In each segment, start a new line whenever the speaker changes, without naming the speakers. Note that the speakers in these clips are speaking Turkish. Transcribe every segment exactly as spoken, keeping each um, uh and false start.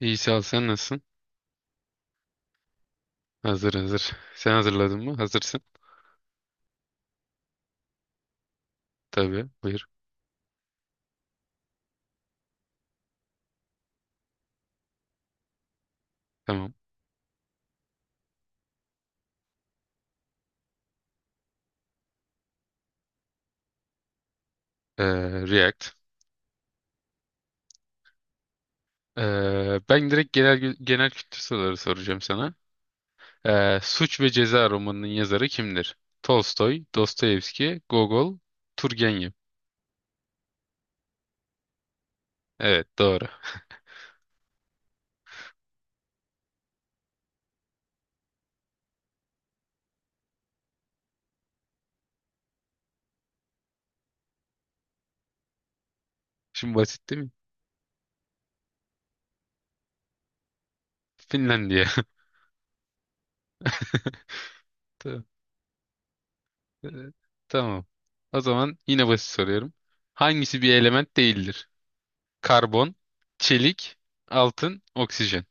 İyi sağ ol. Sen nasılsın? Hazır hazır. Sen hazırladın mı? Hazırsın. Tabii. Buyur. Tamam. Ee, React. Ee, ben direkt genel genel kültür soruları soracağım sana. Ee, Suç ve Ceza romanının yazarı kimdir? Tolstoy, Dostoyevski, Gogol, Turgenev. Evet, doğru. Şimdi basit değil mi? Finlandiya. Ta- e, Tamam. O zaman yine basit soruyorum. Hangisi bir element değildir? Karbon, çelik, altın, oksijen.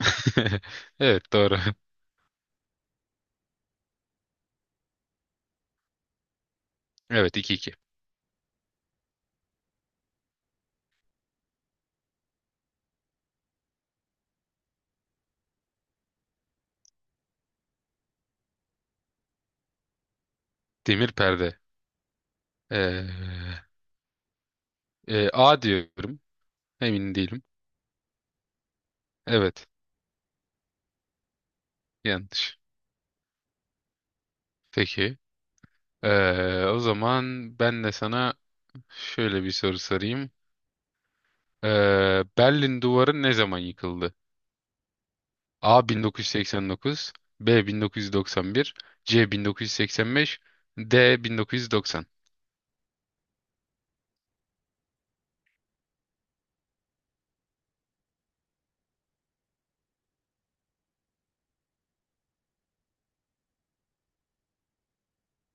Evet doğru. Evet iki iki. Demir perde. Ee, e, A diyorum. Emin değilim. Evet yanlış. Peki. Ee, o zaman ben de sana şöyle bir soru sorayım. Ee, Berlin Duvarı ne zaman yıkıldı? A bin dokuz yüz seksen dokuz, B bin dokuz yüz doksan bir, C bin dokuz yüz seksen beş, D bin dokuz yüz doksan.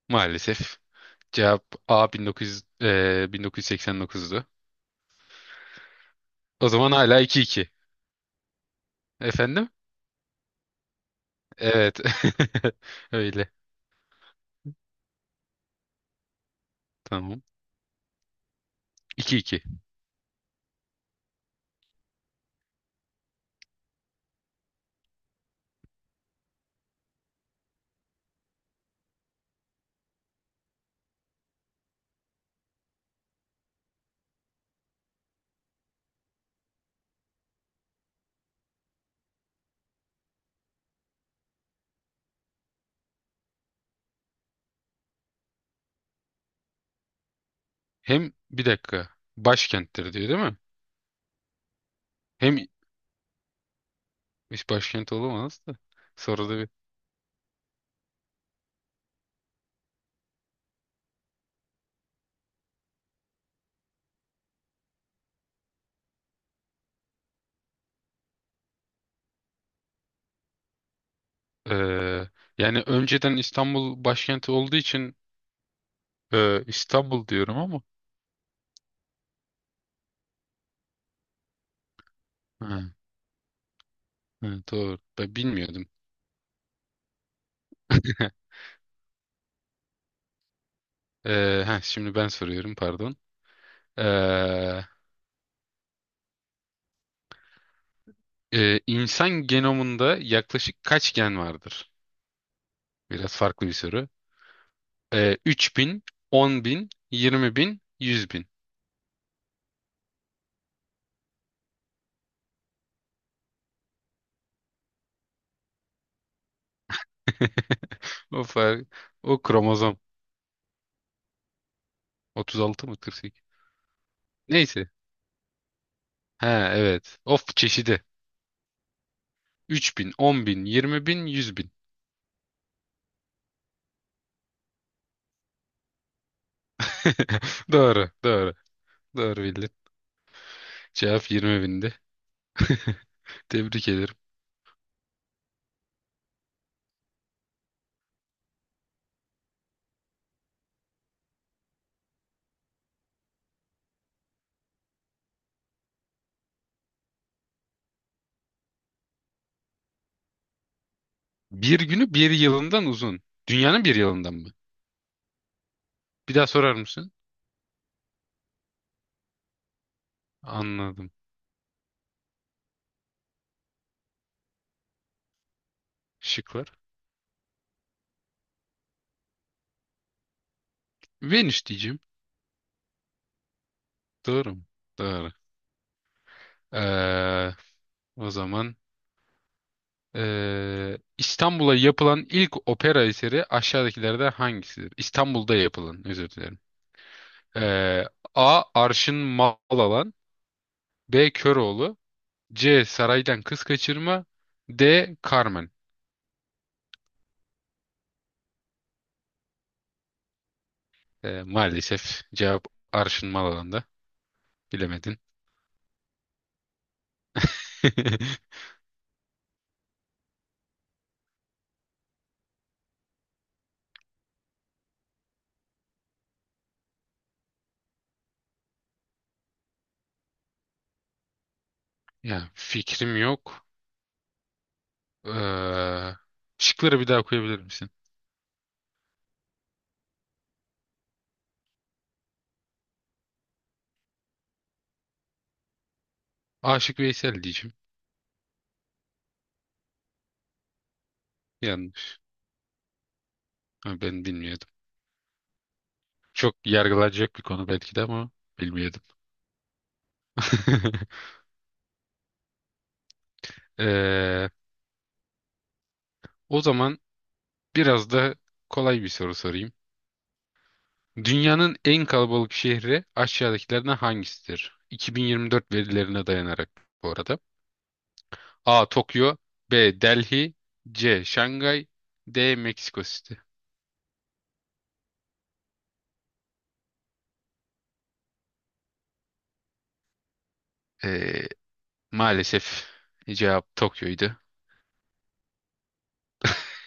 Maalesef cevap A bin dokuz yüz, e, bin dokuz yüz seksen dokuzdu. O zaman hala iki iki. Efendim? Evet. Öyle. Tamam. iki iki. Hem bir dakika. Başkenttir diyor değil mi? Hem hiç başkent olamaz da. Sonra da bir. Ee, Yani önceden İstanbul başkenti olduğu için e, İstanbul diyorum ama. Ha, ha, doğru. Ben bilmiyordum. Ee, heh, şimdi ben soruyorum, pardon. Ee, e, insan genomunda yaklaşık kaç gen vardır? Biraz farklı bir soru. Ee, üç bin, on bin, yirmi bin, yüz bin. O fark. O kromozom. otuz altı mı kırk sekiz? Neyse. Ha evet. Of çeşidi. üç bin, bin, yirmi bin, bin. Doğru, doğru. Doğru bildin. Cevap yirmi bindi. Tebrik ederim. Bir günü bir yılından uzun. Dünyanın bir yılından mı? Bir daha sorar mısın? Anladım. Şıklar. Venüs diyeceğim. Doğru mu? Doğru. Ee, O zaman Ee, İstanbul'a yapılan ilk opera eseri aşağıdakilerden hangisidir? İstanbul'da yapılan, özür dilerim. Ee, A. Arşın Malalan B. Köroğlu C. Saraydan Kız Kaçırma D. Carmen. Ee, Maalesef cevap Arşın Malalan'da. Bilemedin. Ya fikrim yok. Ee, Şıkları bir daha koyabilir misin? Aşık Veysel diyeceğim. Yanlış. Ha, ben bilmiyordum. Çok yargılanacak bir konu belki de ama bilmiyordum. Ee, O zaman biraz da kolay bir soru sorayım. Dünyanın en kalabalık şehri aşağıdakilerden hangisidir? iki bin yirmi dört verilerine dayanarak bu arada. A. Tokyo B. Delhi C. Şangay D. Meksiko City. Ee, Maalesef cevap Tokyo'ydu.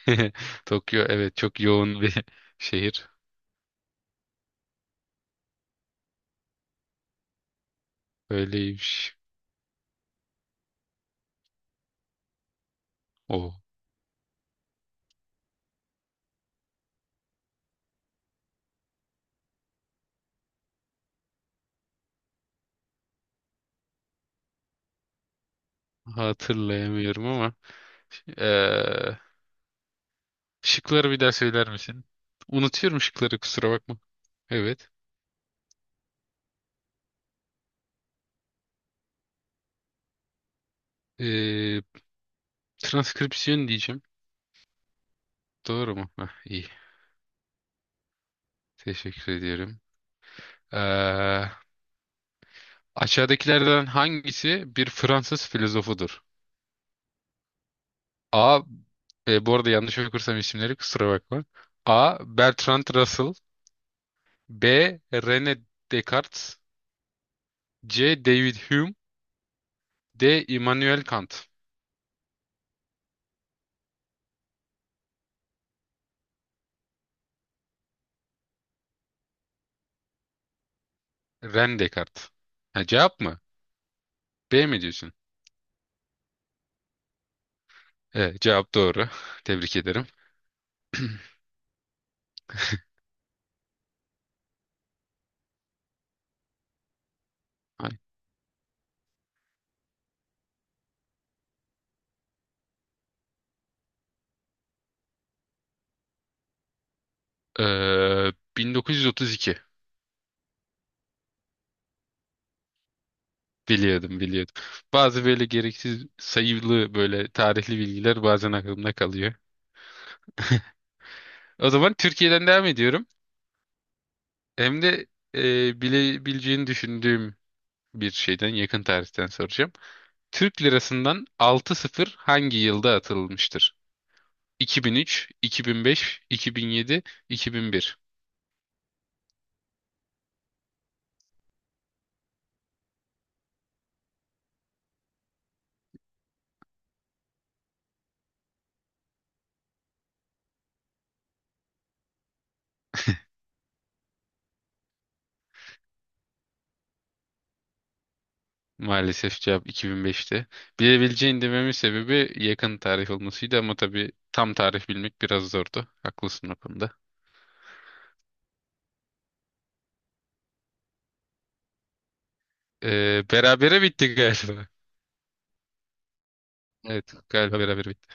Tokyo evet çok yoğun bir şehir. Öyleymiş. O hatırlayamıyorum ama. Şıkları bir daha söyler misin? Unutuyorum şıkları, kusura bakma. Evet. Ee, Transkripsiyon diyeceğim. Doğru mu? Hah, iyi. Teşekkür ediyorum. Ee, Aşağıdakilerden hangisi bir Fransız filozofudur? A. E, bu arada yanlış okursam isimleri kusura bakma. A. Bertrand Russell. B. René Descartes. C. David Hume. D. Immanuel Kant. René Descartes. Ha, cevap mı? B mi diyorsun? Evet, cevap doğru. Tebrik ederim. Ay. Ee, bin dokuz yüz otuz iki. biliyordum biliyordum. Bazı böyle gereksiz sayılı böyle tarihli bilgiler bazen aklımda kalıyor. O zaman Türkiye'den devam ediyorum. Hem de e, bilebileceğini düşündüğüm bir şeyden, yakın tarihten soracağım. Türk lirasından altı sıfır hangi yılda atılmıştır? iki bin üç, iki bin beş, iki bin yedi, iki bin bir. Maalesef cevap iki bin beşte. Bilebileceğin dememin sebebi yakın tarih olmasıydı ama tabii tam tarih bilmek biraz zordu. Haklısın o konuda. Ee, berabere bitti galiba. Evet galiba berabere bitti.